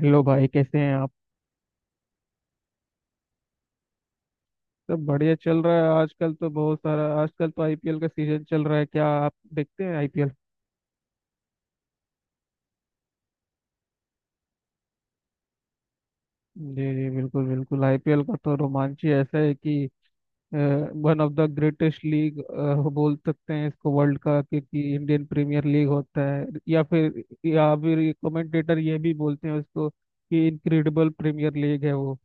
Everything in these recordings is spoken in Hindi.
हेलो भाई कैसे हैं आप। सब बढ़िया चल रहा है आजकल तो। बहुत सारा आजकल तो आईपीएल का सीजन चल रहा है, क्या आप देखते हैं आईपीएल? जी जी बिल्कुल बिल्कुल, आईपीएल का तो रोमांच ही ऐसा है कि one of the greatest league बोल सकते हैं इसको वर्ल्ड का, क्योंकि इंडियन प्रीमियर लीग होता है या फिर कमेंटेटर ये भी बोलते हैं उसको कि इनक्रेडिबल प्रीमियर लीग है वो,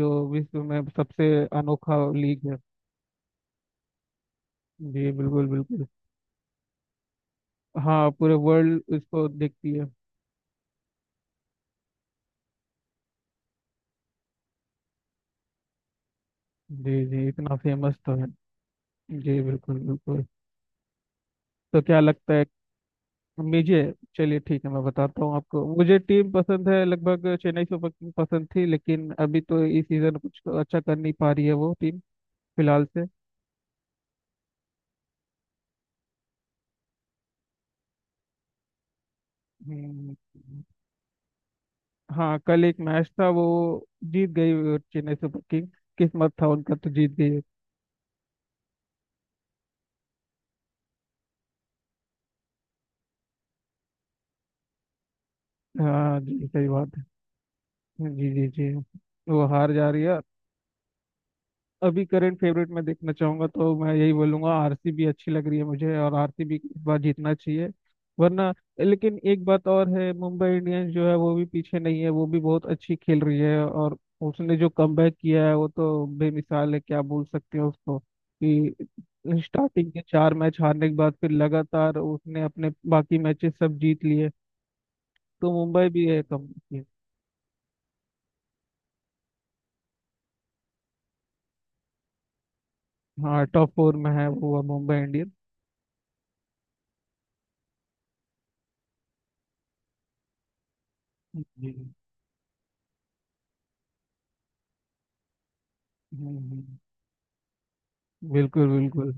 जो विश्व में सबसे अनोखा लीग है। जी बिल्कुल बिल्कुल। हाँ पूरे वर्ल्ड इसको देखती है। जी जी इतना फेमस तो है। जी बिल्कुल बिल्कुल। तो क्या लगता है मुझे, चलिए ठीक है मैं बताता हूँ आपको। मुझे टीम पसंद है लगभग चेन्नई सुपर किंग पसंद थी, लेकिन अभी तो इस सीजन कुछ अच्छा कर नहीं पा रही है वो टीम फिलहाल से। हम्म, हाँ कल एक मैच था वो, जीत गई चेन्नई सुपर किंग। किस्मत था उनका, तो जीत गई। हाँ जी सही बात है। जी जी जी। वो हार जा रही है। अभी करंट फेवरेट में देखना चाहूंगा तो मैं यही बोलूंगा आरसीबी अच्छी लग रही है मुझे, और आरसीबी को इस बार जीतना चाहिए वरना। लेकिन एक बात और है, मुंबई इंडियंस जो है वो भी पीछे नहीं है, वो भी बहुत अच्छी खेल रही है। और उसने जो कमबैक किया है वो तो बेमिसाल है, क्या बोल सकते हैं उसको कि स्टार्टिंग के चार मैच हारने के बाद फिर लगातार उसने अपने बाकी मैचेस सब जीत लिए। तो मुंबई भी है कम। हाँ टॉप फोर में है वो मुंबई इंडियंस। जी। हम्म, हम्म, बिल्कुल बिल्कुल।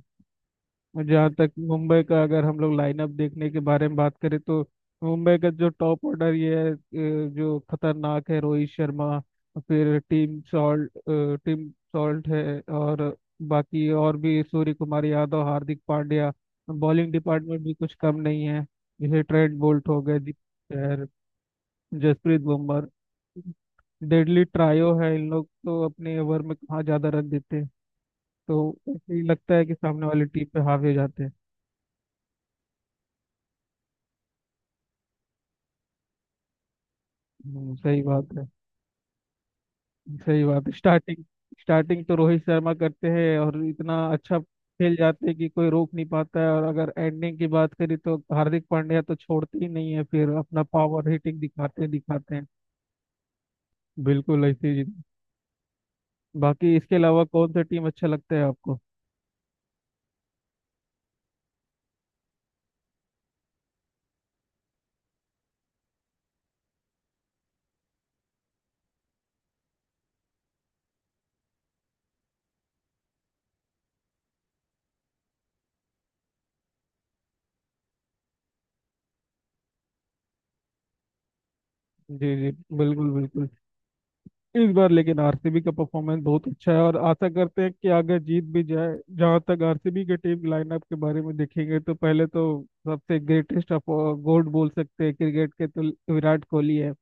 और जहाँ तक मुंबई का, अगर हम लोग लाइनअप देखने के बारे में बात करें तो मुंबई का जो टॉप ऑर्डर ये है जो खतरनाक है रोहित शर्मा, फिर टीम सॉल्ट, टीम सॉल्ट है। और बाकी और भी सूर्य कुमार यादव, हार्दिक पांड्या। बॉलिंग डिपार्टमेंट भी कुछ कम नहीं है, जैसे ट्रेंट बोल्ट हो गए, दीप चहर, जसप्रीत बुमराह। डेडली ट्रायो है, इन लोग तो अपने ओवर में कहाँ ज्यादा रन देते हैं। तो ऐसे ही लगता है कि सामने वाली टीम पे हावी हो जाते हैं। सही बात है। सही बात है। स्टार्टिंग स्टार्टिंग तो रोहित शर्मा करते हैं और इतना अच्छा खेल जाते हैं कि कोई रोक नहीं पाता है। और अगर एंडिंग की बात करें तो हार्दिक पांड्या तो छोड़ते ही नहीं है, फिर अपना पावर हिटिंग दिखाते दिखाते हैं। बिल्कुल ऐसे ही। बाकी इसके अलावा कौन सा टीम अच्छा लगता है आपको? जी जी बिल्कुल बिल्कुल। इस बार लेकिन आरसीबी का परफॉर्मेंस बहुत अच्छा है, और आशा करते हैं कि अगर जीत भी जाए। जहां तक आरसीबी के टीम लाइनअप के बारे में देखेंगे, तो पहले तो सबसे ग्रेटेस्ट ऑफ गोल्ड बोल सकते हैं क्रिकेट के, तो विराट कोहली है।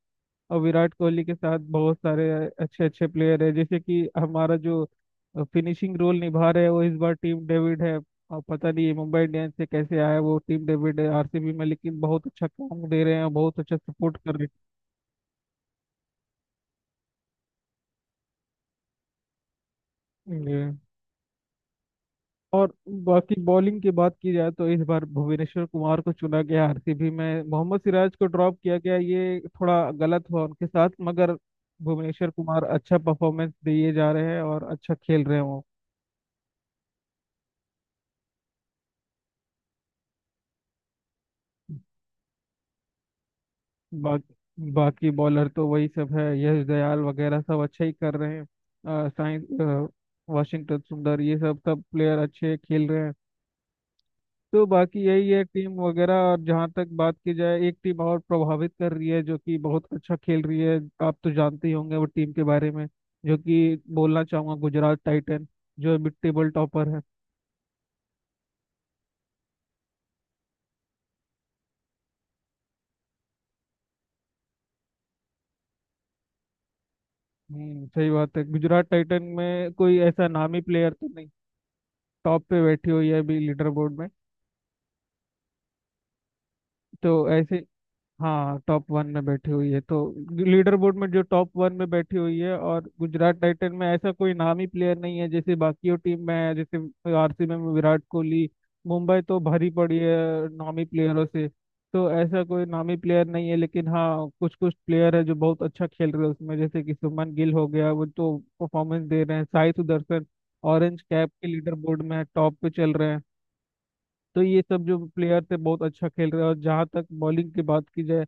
और विराट कोहली के साथ बहुत सारे अच्छे अच्छे प्लेयर है, जैसे कि हमारा जो फिनिशिंग रोल निभा रहे हैं वो इस बार टीम डेविड है। और पता नहीं ये मुंबई इंडियंस से कैसे आया वो टीम डेविड है आरसीबी में, लेकिन बहुत अच्छा काम दे रहे हैं और बहुत अच्छा सपोर्ट कर रहे हैं। और बाकी बॉलिंग की बात की जाए तो इस बार भुवनेश्वर कुमार को चुना गया आरसीबी में, मोहम्मद सिराज को ड्रॉप किया गया, ये थोड़ा गलत हुआ उनके साथ, मगर भुवनेश्वर कुमार अच्छा परफॉर्मेंस दिए जा रहे हैं और अच्छा खेल रहे हैं वो। बाकी बाकी बॉलर तो वही सब है, यश दयाल वगैरह सब अच्छा ही कर रहे हैं। साइंस वाशिंगटन सुंदर, ये सब सब प्लेयर अच्छे खेल रहे हैं। तो बाकी यही है टीम वगैरह। और जहाँ तक बात की जाए, एक टीम और प्रभावित कर रही है, जो कि बहुत अच्छा खेल रही है। आप तो जानते ही होंगे वो टीम के बारे में, जो कि बोलना चाहूंगा गुजरात टाइटन, जो अभी टेबल टॉपर है। सही बात है, गुजरात टाइटन में कोई ऐसा नामी प्लेयर तो नहीं। टॉप पे बैठी हुई है अभी लीडर बोर्ड में, तो ऐसे। हाँ टॉप वन में बैठी हुई है, तो लीडर बोर्ड में जो टॉप वन में बैठी हुई है। और गुजरात टाइटन में ऐसा कोई नामी प्लेयर नहीं है जैसे बाकी टीम में है, जैसे आरसीबी में विराट कोहली, मुंबई तो भरी पड़ी है नामी प्लेयरों से। तो ऐसा कोई नामी प्लेयर नहीं है, लेकिन हाँ कुछ कुछ प्लेयर है जो बहुत अच्छा खेल रहे हैं उसमें, जैसे कि सुमन गिल हो गया, वो तो परफॉर्मेंस दे रहे हैं। साई सुदर्शन ऑरेंज कैप के लीडर बोर्ड में टॉप पे चल रहे हैं। तो ये सब जो प्लेयर थे बहुत अच्छा खेल रहे हैं। और जहाँ तक बॉलिंग की बात की जाए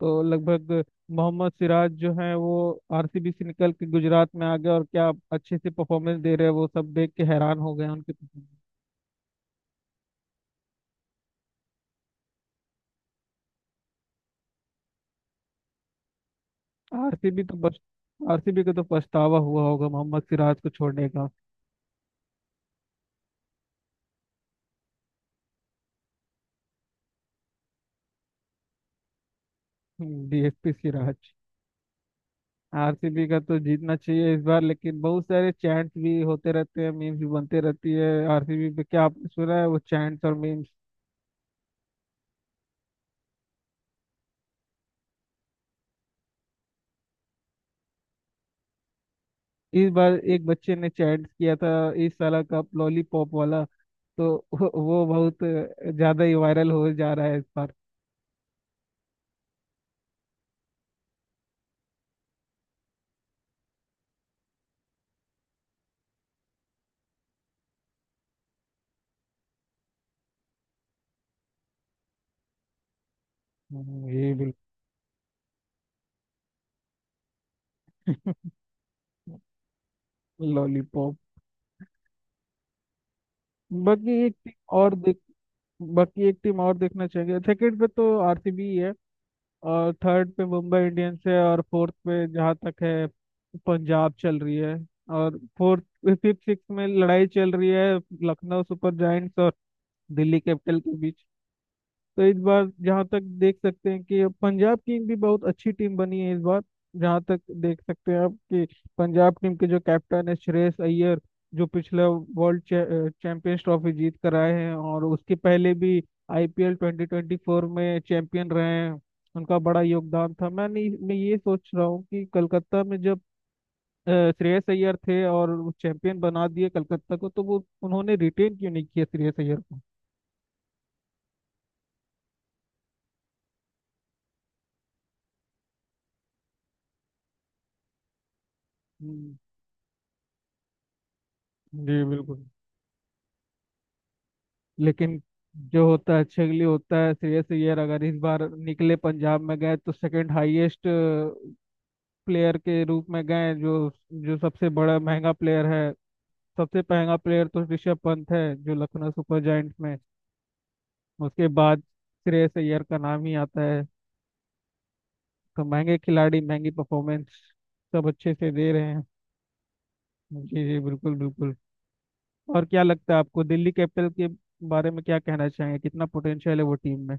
तो लगभग मोहम्मद सिराज जो है वो आरसीबी से निकल के गुजरात में आ गए, और क्या अच्छे से परफॉर्मेंस दे रहे हैं, वो सब देख के हैरान हो गए हैं उनके परफॉर्मेंस। आरसीबी तो बस, आरसीबी का तो पछतावा हुआ होगा मोहम्मद सिराज को छोड़ने का। डीएसपी सिराज। आरसीबी का तो जीतना चाहिए इस बार, लेकिन बहुत सारे चैंट्स भी होते रहते हैं, मीम्स भी बनते रहती है आरसीबी पे। क्या आपने सुना है वो चैंट्स और मीम्स? इस बार एक बच्चे ने चैट किया था, इस साल का लॉलीपॉप वाला। तो वो बहुत ज्यादा ही वायरल हो जा रहा है इस बार। ये बिल्कुल लॉलीपॉप। बाकी एक टीम और देख बाकी एक टीम और देखना चाहिए। सेकंड पे तो आरसीबी है, और थर्ड पे मुंबई इंडियंस है, और फोर्थ पे जहाँ तक है पंजाब चल रही है। और फोर्थ, फिफ्थ, सिक्स में लड़ाई चल रही है लखनऊ सुपर जायंट्स और दिल्ली कैपिटल के बीच। तो इस बार जहाँ तक देख सकते हैं कि पंजाब टीम भी बहुत अच्छी टीम बनी है इस बार। जहाँ तक देख सकते हैं आप कि पंजाब टीम के जो कैप्टन है श्रेयस अय्यर, जो पिछला वर्ल्ड चैंपियंस ट्रॉफी जीत कर आए हैं, और उसके पहले भी आईपीएल 2024 में चैंपियन रहे हैं, उनका बड़ा योगदान था। मैं नहीं, मैं ये सोच रहा हूँ कि कलकत्ता में जब श्रेयस अय्यर थे और वो चैंपियन बना दिए कलकत्ता को, तो वो उन्होंने रिटेन क्यों नहीं किया श्रेयस अय्यर को? हम्म, जी बिल्कुल। लेकिन जो होता है छेगली होता है। श्रेयस अय्यर अगर इस बार निकले पंजाब में गए, तो सेकंड हाईएस्ट प्लेयर के रूप में गए, जो जो सबसे बड़ा महंगा प्लेयर है। सबसे महंगा प्लेयर तो ऋषभ पंत है जो लखनऊ सुपर जायंट्स में, उसके बाद श्रेयस अय्यर का नाम ही आता है। तो महंगे खिलाड़ी महंगी परफॉर्मेंस सब अच्छे से दे रहे हैं। जी जी बिल्कुल बिल्कुल। और क्या लगता है आपको दिल्ली कैपिटल के बारे में, क्या कहना चाहेंगे, कितना पोटेंशियल है वो टीम में?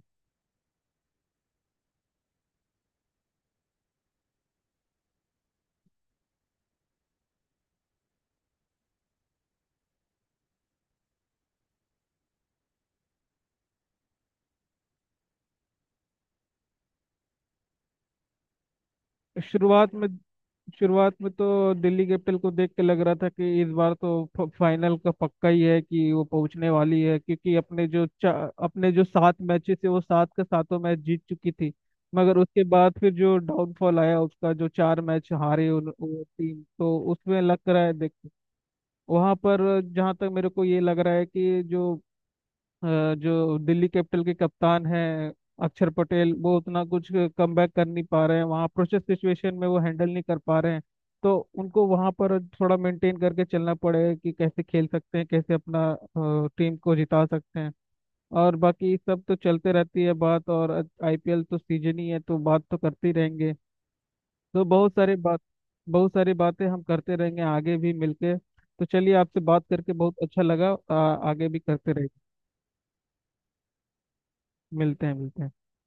शुरुआत में शुरुआत में तो दिल्ली कैपिटल को देख के लग रहा था कि इस बार तो फाइनल का पक्का ही है कि वो पहुंचने वाली है, क्योंकि अपने जो अपने जो सात मैचेस है वो सात के सातों मैच जीत चुकी थी। मगर उसके बाद फिर जो डाउनफॉल आया उसका, जो चार मैच हारे वो टीम तो उसमें लग रहा है देख वहां पर। जहां तक मेरे को ये लग रहा है कि जो दिल्ली कैपिटल के कप्तान हैं अक्षर पटेल, वो उतना कुछ कम बैक कर नहीं पा रहे हैं, वहाँ प्रेशर सिचुएशन में वो हैंडल नहीं कर पा रहे हैं। तो उनको वहाँ पर थोड़ा मेंटेन करके चलना पड़ेगा कि कैसे खेल सकते हैं, कैसे अपना टीम को जिता सकते हैं। और बाकी सब तो चलते रहती है बात, और आईपीएल तो सीजन ही है तो बात तो करते ही रहेंगे। तो बहुत सारी बात बहुत सारी बातें हम करते रहेंगे आगे भी मिलके। तो चलिए, आपसे बात करके बहुत अच्छा लगा। आगे भी करते रहेंगे। मिलते हैं मिलते हैं।